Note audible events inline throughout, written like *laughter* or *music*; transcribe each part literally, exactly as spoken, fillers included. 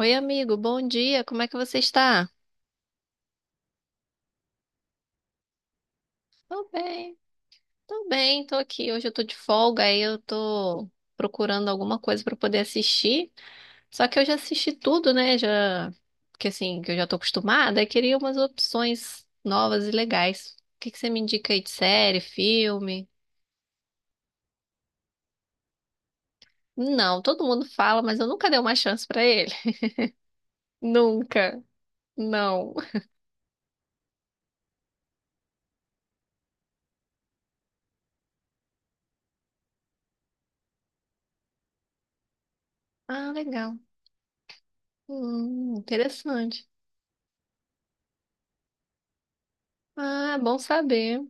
Oi, amigo, bom dia. Como é que você está? Tô bem, tô bem, tô aqui. Hoje eu tô de folga, aí eu tô procurando alguma coisa pra poder assistir. Só que eu já assisti tudo, né? Já que assim, que eu já tô acostumada, eu queria umas opções novas e legais. O que que você me indica aí de série, filme? Não, todo mundo fala, mas eu nunca dei uma chance pra ele. *laughs* Nunca. Não. Ah, legal. Hum, interessante. Ah, bom saber.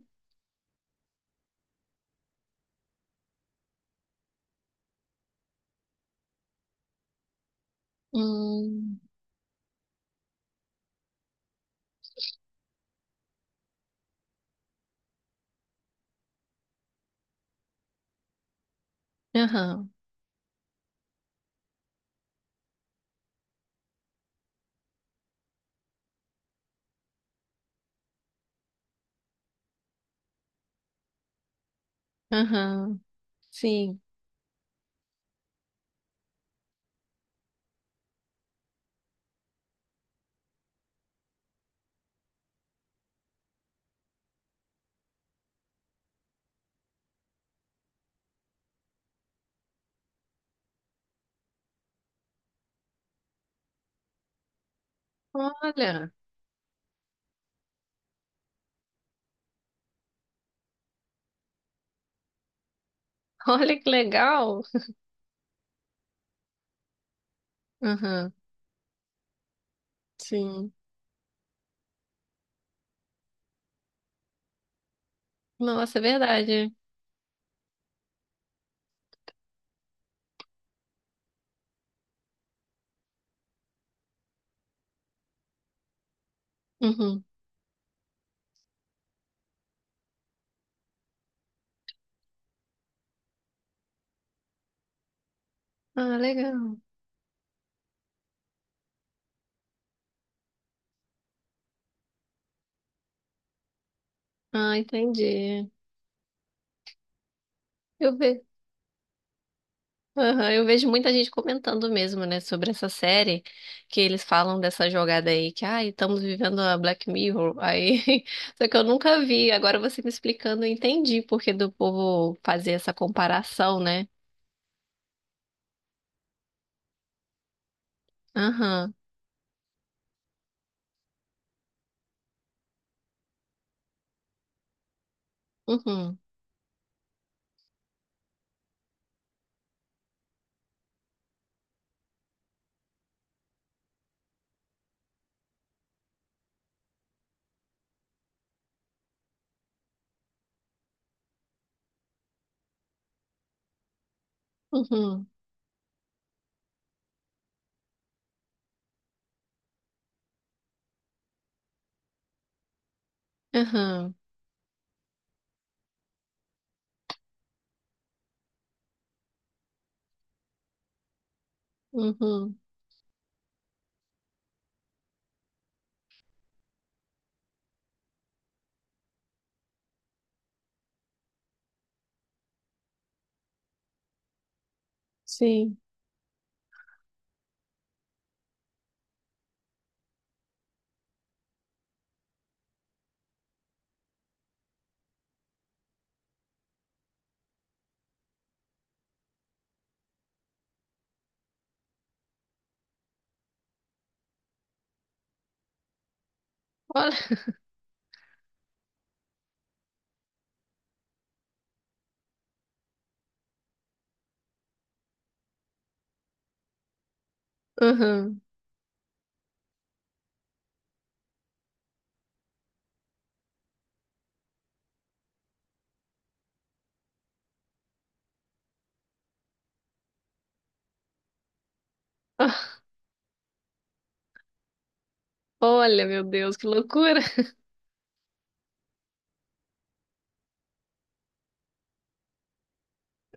Hum. Aham. Aham, sim. Olha, *laughs* olha que legal. Aham, sim. Nossa, é verdade. Uhum. Ah, legal. Ah, entendi. Eu ve... Aham, eu vejo muita gente comentando mesmo, né, sobre essa série, que eles falam dessa jogada aí, que, ai, estamos vivendo a Black Mirror, aí, *laughs* só que eu nunca vi, agora você me explicando, eu entendi porque do povo fazer essa comparação, né? Aham, uhum, uhum, aham, uhum, sim. Olha. Aham. *laughs* Ah, olha, meu Deus, que loucura.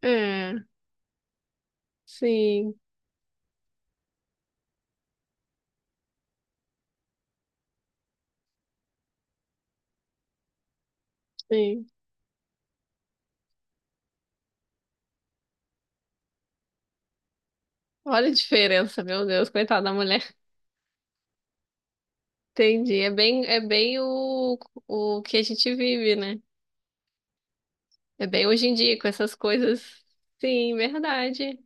É, sim, sim. Olha a diferença, meu Deus, coitada da mulher. Entendi. É bem, é bem o, o que a gente vive, né? É bem hoje em dia com essas coisas. Sim, verdade.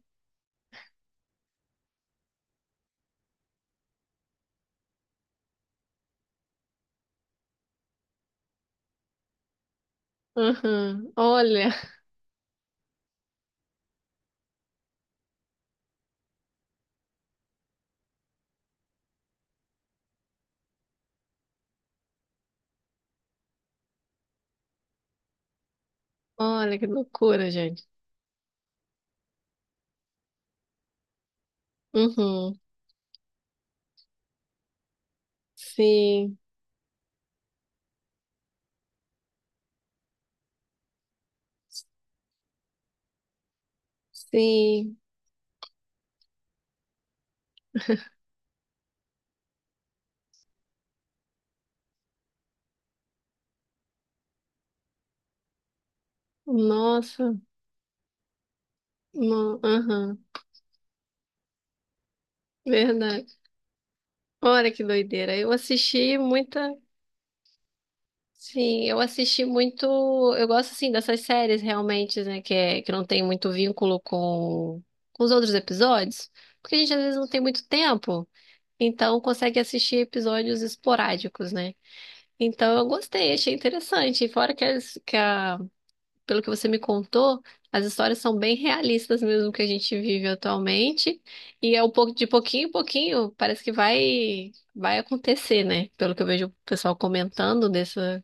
Uhum. Olha, olha que loucura, gente. Uhum. Sim, sim. Nossa, não, aham. Verdade. Olha que doideira. Eu assisti muita. Sim, eu assisti muito. Eu gosto assim dessas séries realmente, né? Que, é, que não tem muito vínculo com, com os outros episódios, porque a gente às vezes não tem muito tempo, então consegue assistir episódios esporádicos, né? Então eu gostei, achei interessante. E fora que, as, que a, pelo que você me contou, as histórias são bem realistas mesmo que a gente vive atualmente, e é um pouco de pouquinho em pouquinho, parece que vai, vai acontecer, né? Pelo que eu vejo o pessoal comentando dessa.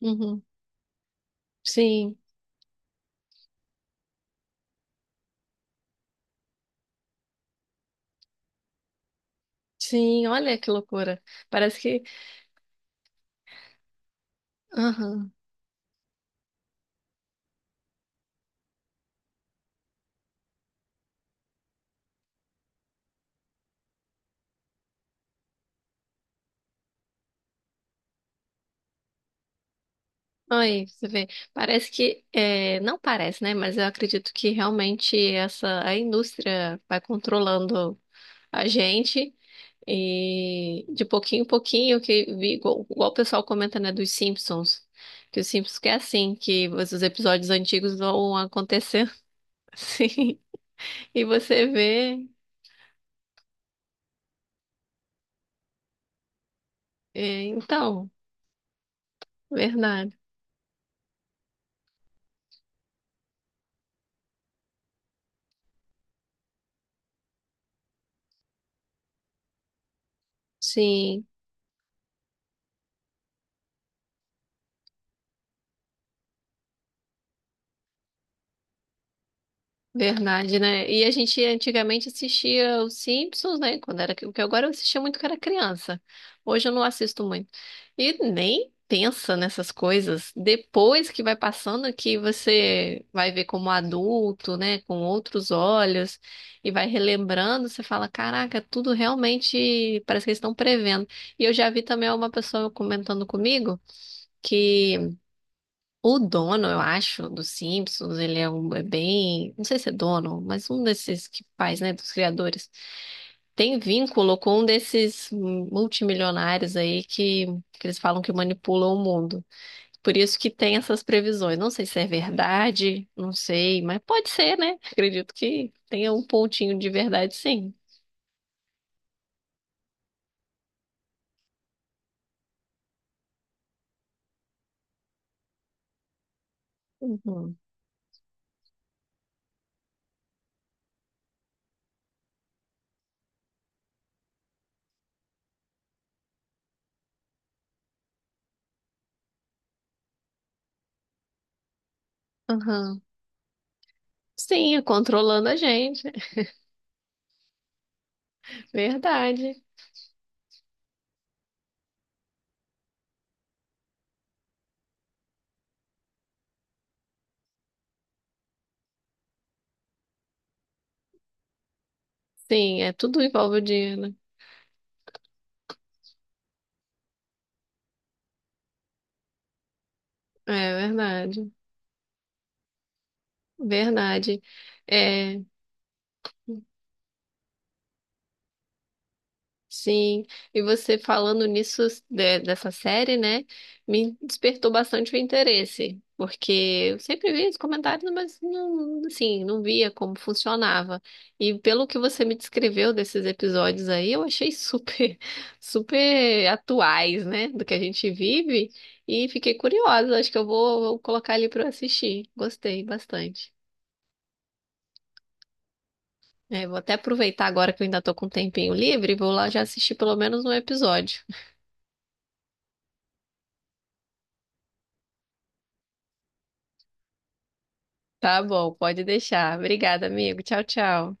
Uhum. Sim, sim, olha que loucura. Parece que. Aham. Aí, você vê. Parece que. é, Não parece, né? Mas eu acredito que realmente essa a indústria vai controlando a gente. E de pouquinho em pouquinho, que vi, igual, igual o pessoal comenta, né, dos Simpsons. Que os Simpsons que é assim, que os os episódios antigos vão acontecendo. *laughs* Sim. E você vê. é, então, verdade. Sim. Verdade, né? E a gente antigamente assistia os Simpsons, né? Quando era, o que agora eu assistia muito quando era criança. Hoje eu não assisto muito. E nem pensa nessas coisas. Depois que vai passando, que você vai ver como adulto, né? Com outros olhos e vai relembrando, você fala, caraca, tudo realmente parece que eles estão prevendo. E eu já vi também uma pessoa comentando comigo que o dono, eu acho, dos Simpsons, ele é, um, é bem. Não sei se é dono, mas um desses que faz, né, dos criadores. Tem vínculo com um desses multimilionários aí que, que eles falam que manipulam o mundo. Por isso que tem essas previsões. Não sei se é verdade, não sei, mas pode ser, né? Acredito que tenha um pontinho de verdade, sim. Uhum. Aham. Sim, é controlando a gente. Verdade. Sim, é tudo envolve o dinheiro. Né? É verdade. Verdade. É, sim. E você falando nisso, de- dessa série, né, me despertou bastante o interesse, porque eu sempre via os comentários, mas não, assim, não via como funcionava. E pelo que você me descreveu desses episódios aí, eu achei *laughs* super, super atuais, né, do que a gente vive, e fiquei curiosa. Acho que eu vou, vou colocar ali para assistir. Gostei bastante. É, vou até aproveitar agora que eu ainda tô com um tempinho livre e vou lá já assistir pelo menos um episódio. Tá bom, pode deixar. Obrigada, amigo. Tchau, tchau.